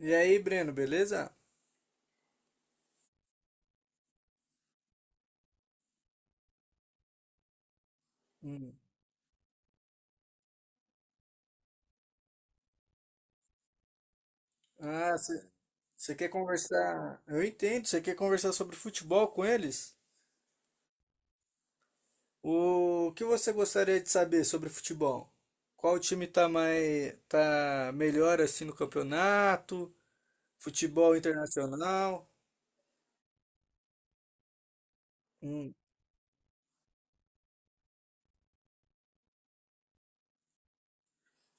E aí, Breno, beleza? Hum. Ah, você quer conversar? Eu entendo, você quer conversar sobre futebol com eles? O que você gostaria de saber sobre futebol? Qual time tá melhor assim no campeonato? Futebol internacional? Hum.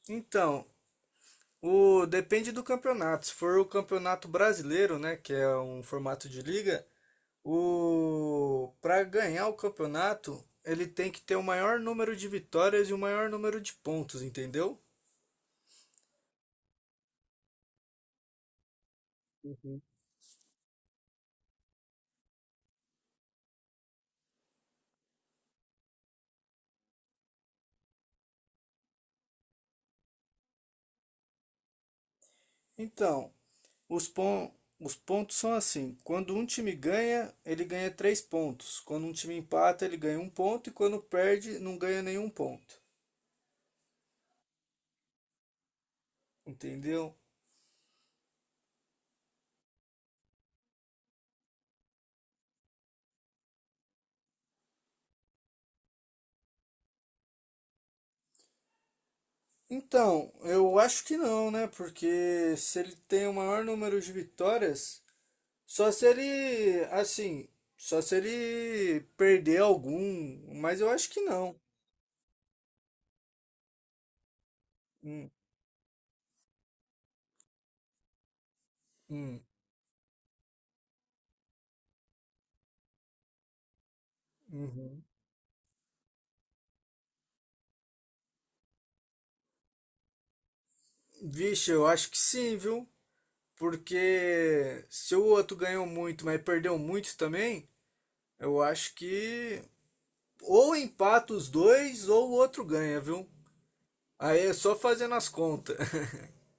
Então, o depende do campeonato. Se for o campeonato brasileiro, né, que é um formato de liga, o para ganhar o campeonato, ele tem que ter o maior número de vitórias e o maior número de pontos, entendeu? Uhum. Então, os pon- os pontos são assim: quando um time ganha, ele ganha 3 pontos. Quando um time empata, ele ganha um ponto. E quando perde, não ganha nenhum ponto. Entendeu? Então, eu acho que não, né? Porque se ele tem o maior número de vitórias, só se ele, assim, só se ele perder algum, mas eu acho que não. Hum, hum, uhum. Vixe, eu acho que sim, viu? Porque se o outro ganhou muito, mas perdeu muito também, eu acho que ou empata os dois ou o outro ganha, viu? Aí é só fazendo as contas.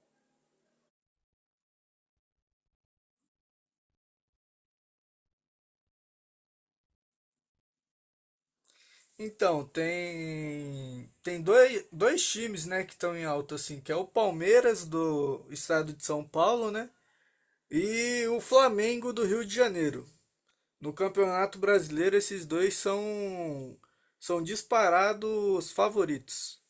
Então, tem dois times, né, que estão em alta assim, que é o Palmeiras do estado de São Paulo, né? E o Flamengo do Rio de Janeiro. No Campeonato Brasileiro, esses dois são disparados favoritos.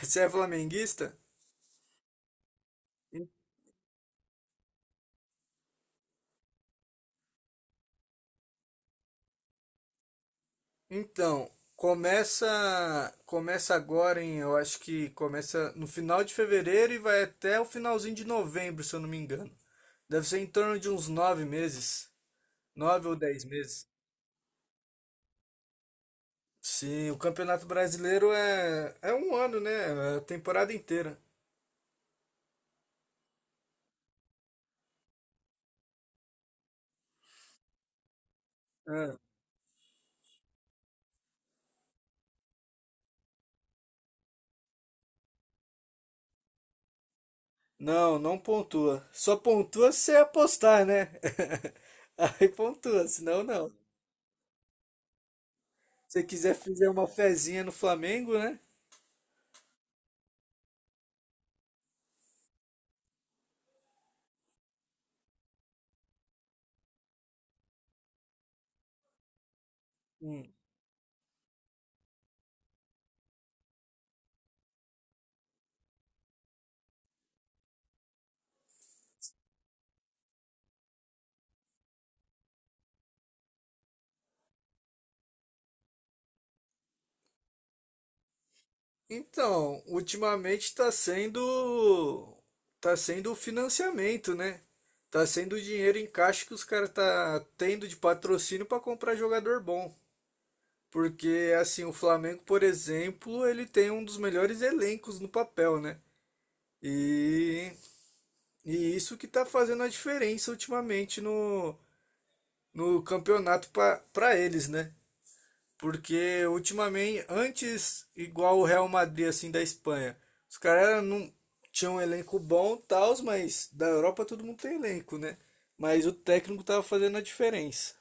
Você é flamenguista? En- Então, começa agora em, eu acho que começa no final de fevereiro e vai até o finalzinho de novembro, se eu não me engano. Deve ser em torno de uns 9 meses, 9 ou 10 meses. Sim, o Campeonato Brasileiro é um ano, né? É a temporada inteira. É. Não, não pontua. Só pontua se você apostar, né? Aí pontua, senão não. Se quiser fazer uma fezinha no Flamengo, né? Hum. Então, ultimamente está sendo tá sendo o financiamento, né? Tá sendo o dinheiro em caixa que os caras tá tendo de patrocínio para comprar jogador bom. Porque assim, o Flamengo, por exemplo, ele tem um dos melhores elencos no papel, né? E E isso que tá fazendo a diferença ultimamente no campeonato para eles, né? Porque ultimamente, antes, igual o Real Madrid, assim, da Espanha, os caras não tinham um elenco bom e tal, mas da Europa todo mundo tem elenco, né? Mas o técnico tava fazendo a diferença.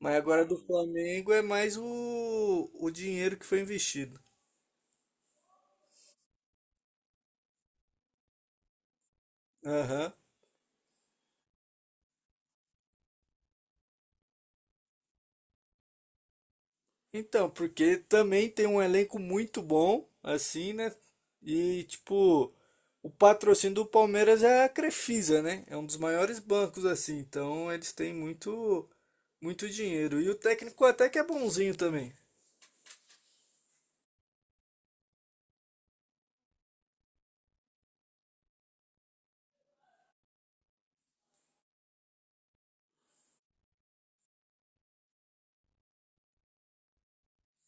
Mas agora do Flamengo é mais o dinheiro que foi investido. Aham. Então, porque também tem um elenco muito bom, assim, né? E, tipo, o patrocínio do Palmeiras é a Crefisa, né? É um dos maiores bancos, assim. Então, eles têm muito, muito dinheiro. E o técnico até que é bonzinho também.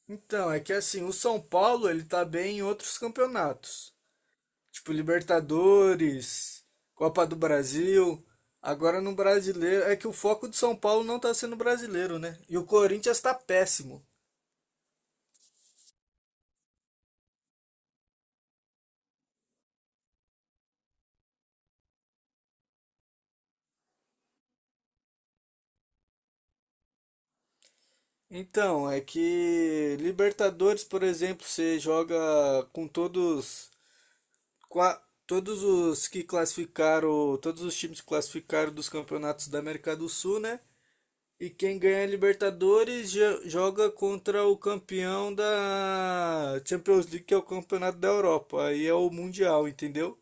Então, é que, assim, o São Paulo, ele tá bem em outros campeonatos. Tipo, Libertadores, Copa do Brasil. Agora no brasileiro, é que o foco do São Paulo não tá sendo brasileiro, né? E o Corinthians tá péssimo. Então, é que Libertadores, por exemplo, você joga com todos, qua- todos os que classificaram, todos os times que classificaram dos campeonatos da América do Sul, né? E quem ganha a Libertadores joga contra o campeão da Champions League, que é o campeonato da Europa. Aí é o Mundial, entendeu?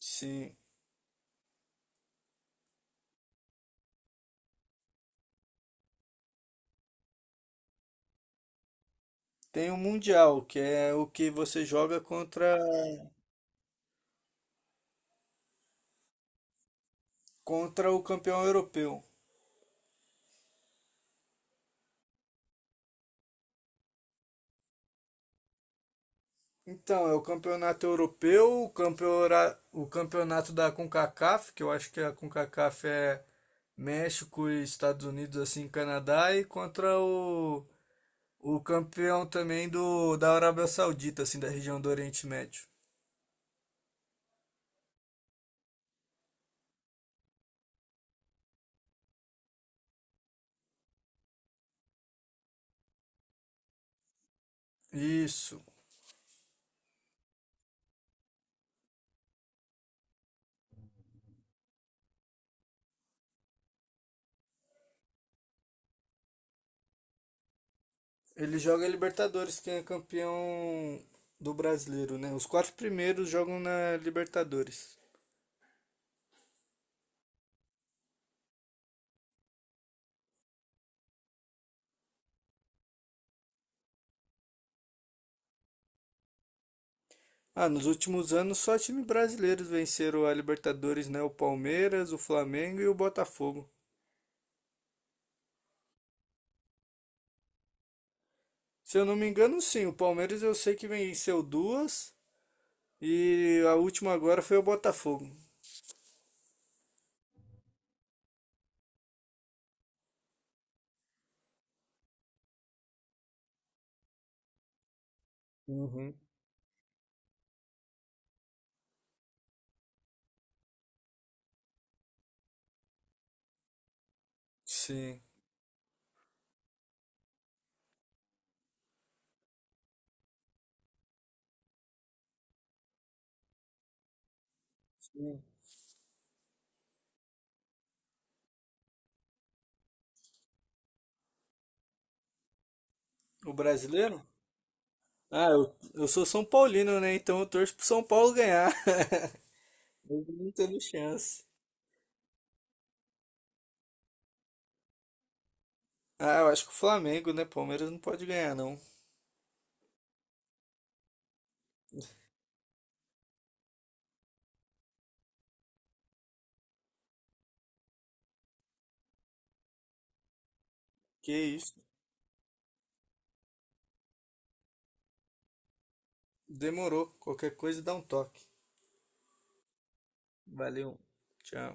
Sim. Tem o Mundial, que é o que você joga contra o campeão europeu. Então, é o campeonato europeu, o campeonato da CONCACAF, que eu acho que a CONCACAF é México e Estados Unidos, assim, Canadá, e contra o campeão também do da Arábia Saudita, assim, da região do Oriente Médio. Isso. Ele joga a Libertadores, quem é campeão do brasileiro, né? Os quatro primeiros jogam na Libertadores. Ah, nos últimos anos só times brasileiros venceram a Libertadores, né? O Palmeiras, o Flamengo e o Botafogo. Se eu não me engano, sim. O Palmeiras eu sei que venceu duas e a última agora foi o Botafogo. Uhum. Sim. Sim. O brasileiro? Ah, eu sou São Paulino, né? Então eu torço pro São Paulo ganhar. Mas não tendo chance. Ah, eu acho que o Flamengo, né? Palmeiras não pode ganhar, não. Que isso. Demorou. Qualquer coisa dá um toque. Valeu. Tchau.